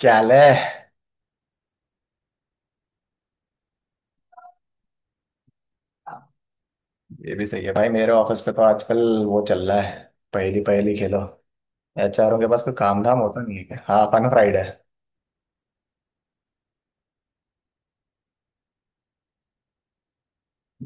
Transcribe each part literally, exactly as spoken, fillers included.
क्या हाल है। ये भी सही है भाई, मेरे ऑफिस पे तो आजकल वो चल रहा है। पहली पहली खेलो। एचआरओ के पास कोई काम धाम होता नहीं है क्या? हाँ, फन फ्राइडे।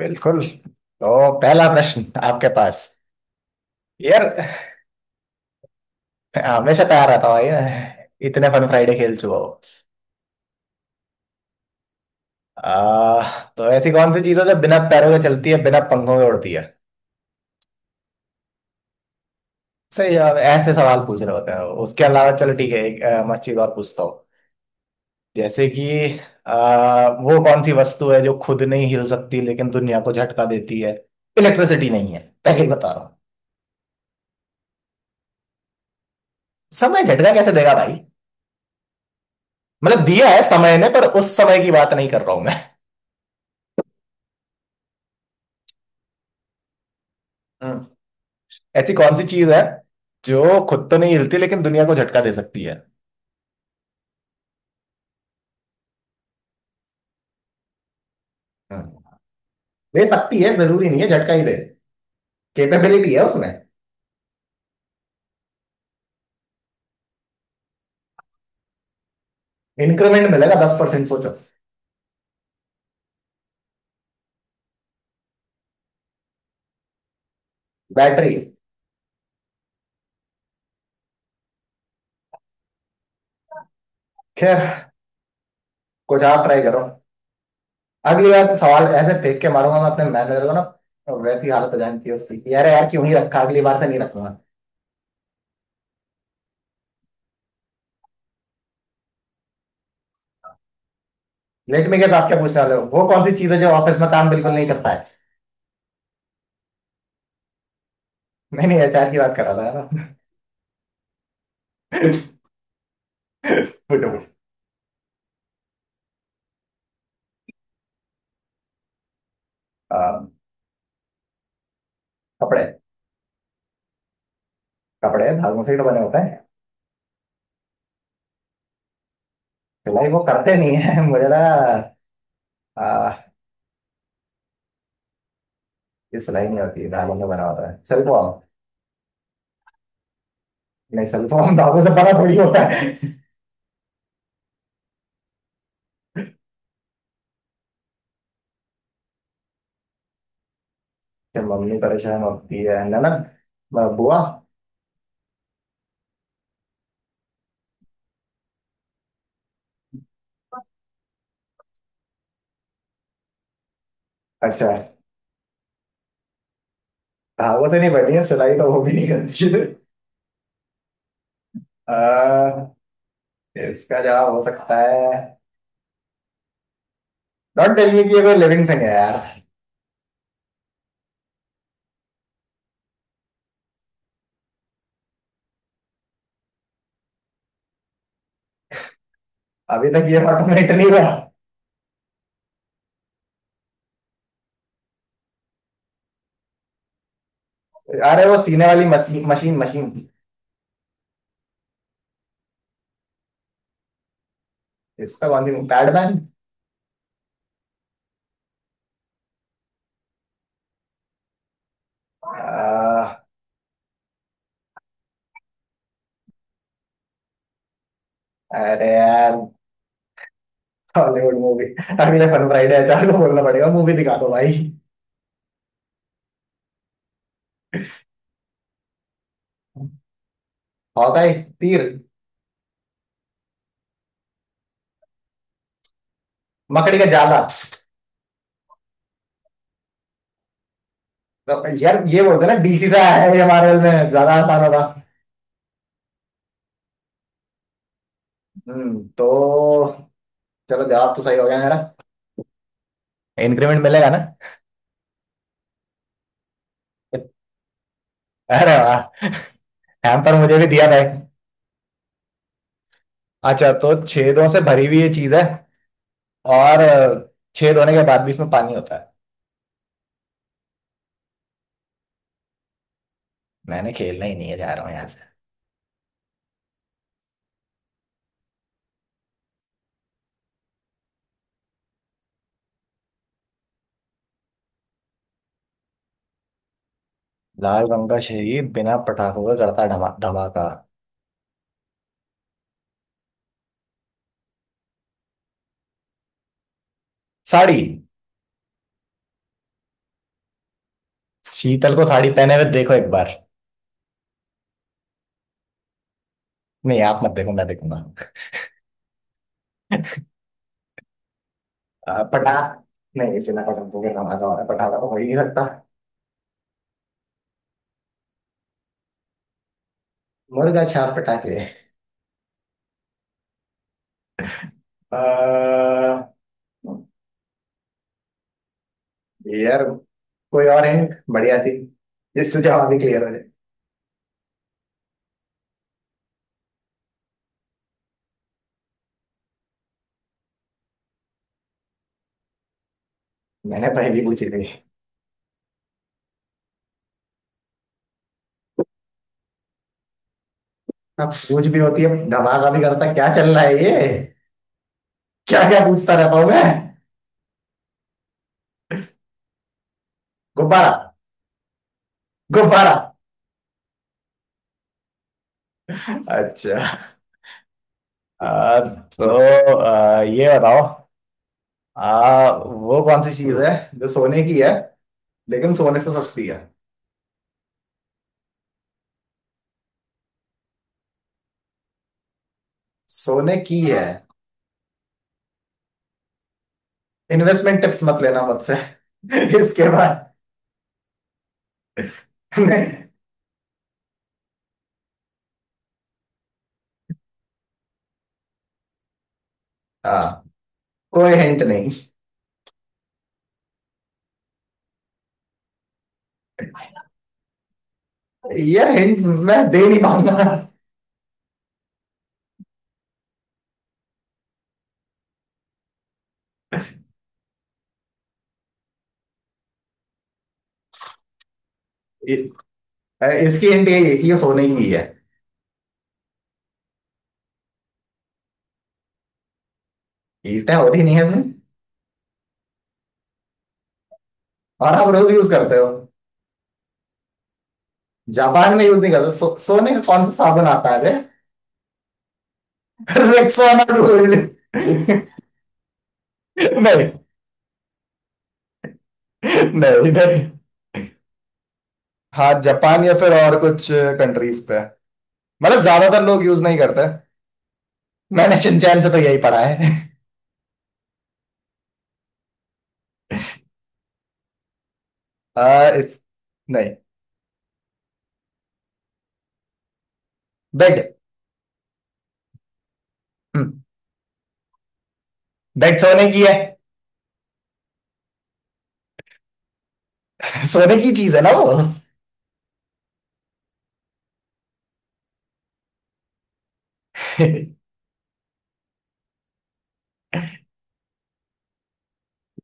बिल्कुल। तो पहला प्रश्न आपके पास यार। हमेशा तैयार रहता हूँ भाई मैं। इतने फन फ्राइडे खेल चुका हो। आ, तो ऐसी कौन सी चीज है जो बिना पैरों के चलती है, बिना पंखों के उड़ती है? सही जवाब है। ऐसे सवाल पूछ रहे होते हैं। उसके अलावा चलो ठीक है, एक अ, मस्त चीज और पूछता। जैसे कि आ, वो कौन सी वस्तु है जो खुद नहीं हिल सकती लेकिन दुनिया को झटका देती है? इलेक्ट्रिसिटी नहीं है, पहले ही बता रहा हूँ। समय झटका कैसे देगा भाई? मतलब दिया है समय ने, पर उस समय की बात नहीं कर रहा हूं मैं। हम्म, ऐसी कौन सी चीज है जो खुद तो नहीं हिलती लेकिन दुनिया को झटका दे सकती है? हम्म, दे सकती है, जरूरी नहीं है झटका ही दे। कैपेबिलिटी है उसमें। इंक्रीमेंट मिलेगा दस परसेंट, सोचो। बैटरी। खैर, कुछ आप ट्राई करो। अगली बार तो सवाल ऐसे फेंक के मारूंगा मैं अपने मैनेजर को ना, तो वैसी हालत हो जानी चाहिए उसकी कि अरे यार क्यों ही रखा, अगली बार से नहीं रखूंगा। Let me get. आप क्या पूछने वाले हो? वो कौन सी चीज है जो ऑफिस में काम बिल्कुल नहीं करता है। मैंने एचआर की बात करा था, है ना। पूछो पूछो। आ, कपड़े। कपड़े धागों से ही तो बने होते हैं। सिलाई वो करते नहीं है मुझे ना। आ, ये सिलाई नहीं होती, धागों से बना होता है सिल्कवॉर्म। नहीं, सिल्कवॉर्म धागों से बना थोड़ी होता है फिर मम्मी परेशान होती है ननद बुआ। अच्छा। धागों से नहीं बनी है सिलाई, तो वो भी नहीं करती। आ, इसका जवाब हो सकता है। डोंट टेल मी कि ये कोई लिविंग थिंग है यार। अभी तक ये ऑटोमेट नहीं हुआ। अरे वो सीने वाली मशीन मशीन मशीन। इसका कौन सी? पैडमैन? अरे यार, हॉलीवुड मूवी। अगले फन फ्राइडे अचार को बोलना पड़ेगा, मूवी दिखा दो भाई। हॉकाई, तीर। मकड़ी का जाला। तो यार, ये बोलते हैं ना, डीसी से आया है ये, मार्वल में ज्यादा आसान होता। हम्म तो चलो, जवाब तो सही हो गया मेरा। इंक्रीमेंट मिलेगा ना। अरे वाह, हैम्पर मुझे भी दिया भाई। अच्छा, तो छेदों से भरी हुई ये चीज है और अ, छेद होने के बाद भी इसमें पानी होता है। मैंने खेलना ही नहीं है, जा रहा हूँ यहाँ से। लाल रंग का शरीर बिना पटाखों का करता धमा धमाका। साड़ी। शीतल को साड़ी पहने हुए देखो एक बार। नहीं, आप मत देखो, मैं देखूंगा। अ, पटाख नहीं, बिना पटाखों के धमाका हो रहा है, पटाखा तो हो ही नहीं सकता। मुर्गा छाप पटाखे। अ, यार, कोई और है बढ़िया सी, जिससे जवाब भी क्लियर हो जाए। मैंने पहली पूछी थी। हाँ, पूछ भी होती है धमाका भी करता है, क्या चल रहा है ये, क्या क्या पूछता रहता हूँ मैं। गुब्बारा। गुब्बारा। अच्छा। आ, तो आ, ये बताओ। आ, वो कौन सी चीज है जो सोने की है लेकिन सोने से सस्ती है? सोने की है। इन्वेस्टमेंट टिप्स मत लेना मुझसे इसके बाद। नहीं। हाँ, कोई हिंट नहीं। यार हिंट मैं दे नहीं पाऊंगा। इ- इसकी हिंट यही है कि ये सोने की है। ईंटें होती नहीं है इसमें। और आप रोज यूज करते हो। जापान में यूज नहीं करते, सो, सोने का कौन सा साबुन आता है रे? रेक्साना गोल्ड नहीं नहीं नहीं। हाँ, जापान या फिर और कुछ कंट्रीज पे, मतलब ज्यादातर लोग यूज नहीं करते। मैंने शिनचैन से तो यही पढ़ा है आ, इस, नहीं। बेड। हम्म, बेड सोने की है। सोने की चीज है ना वो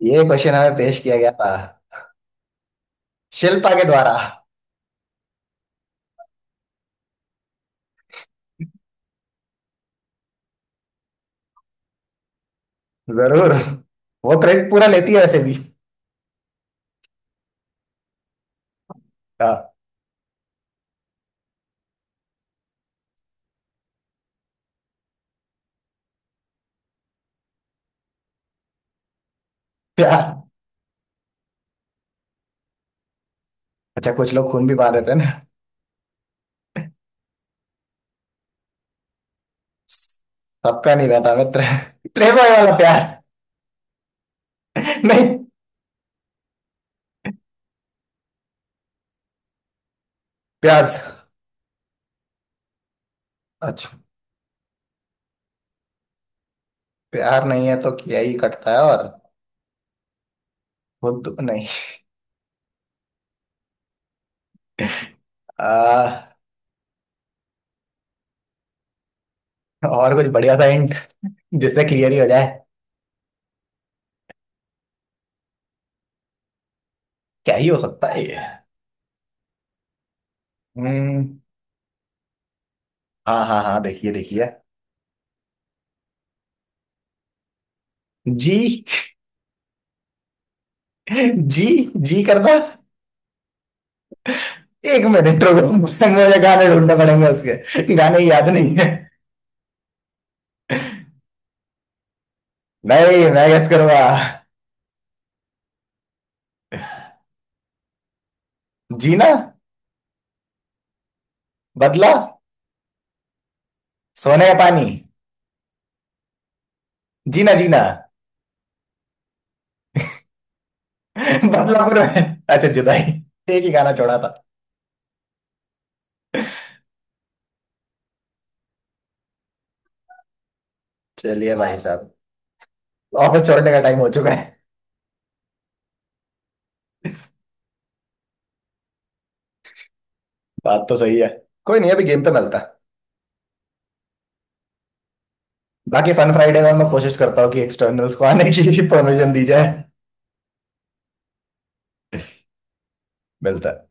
ये क्वेश्चन हमें पेश किया गया था शिल्पा के द्वारा। जरूर। वो क्रेडिट पूरा लेती है वैसे भी। हाँ, प्यार। अच्छा, कुछ लोग खून भी बहा देते हैं ना। सबका नहीं रहता मित्र प्लेबॉय वाला प्यार नहीं, प्यास। अच्छा, प्यार नहीं है तो किया ही कटता है, और खुद तो नहीं। आ, और कुछ बढ़िया सा हिंट, जिससे क्लियर ही हो जाए। क्या ही हो सकता है ये। हम्म। हाँ हाँ हाँ, देखिए देखिए। जी। जी। जी करना। एक मिनट रुको, मुझे मुझे गाने ढूंढने पड़ेंगे, उसके गाने याद नहीं है। नहीं, मैं गेस करूंगा। जीना। बदला। सोने का पानी। जीना जीना। बदला पूरा है। अच्छा, जुदाई। एक ही गाना छोड़ा था। चलिए भाई साहब, ऑफिस छोड़ने का टाइम हो चुका है। बात तो सही है। कोई नहीं, अभी गेम पे मिलता है। बाकी फन फ्राइडे में मैं कोशिश करता हूँ कि एक्सटर्नल्स को आने की परमिशन दी जाए। मिलता है।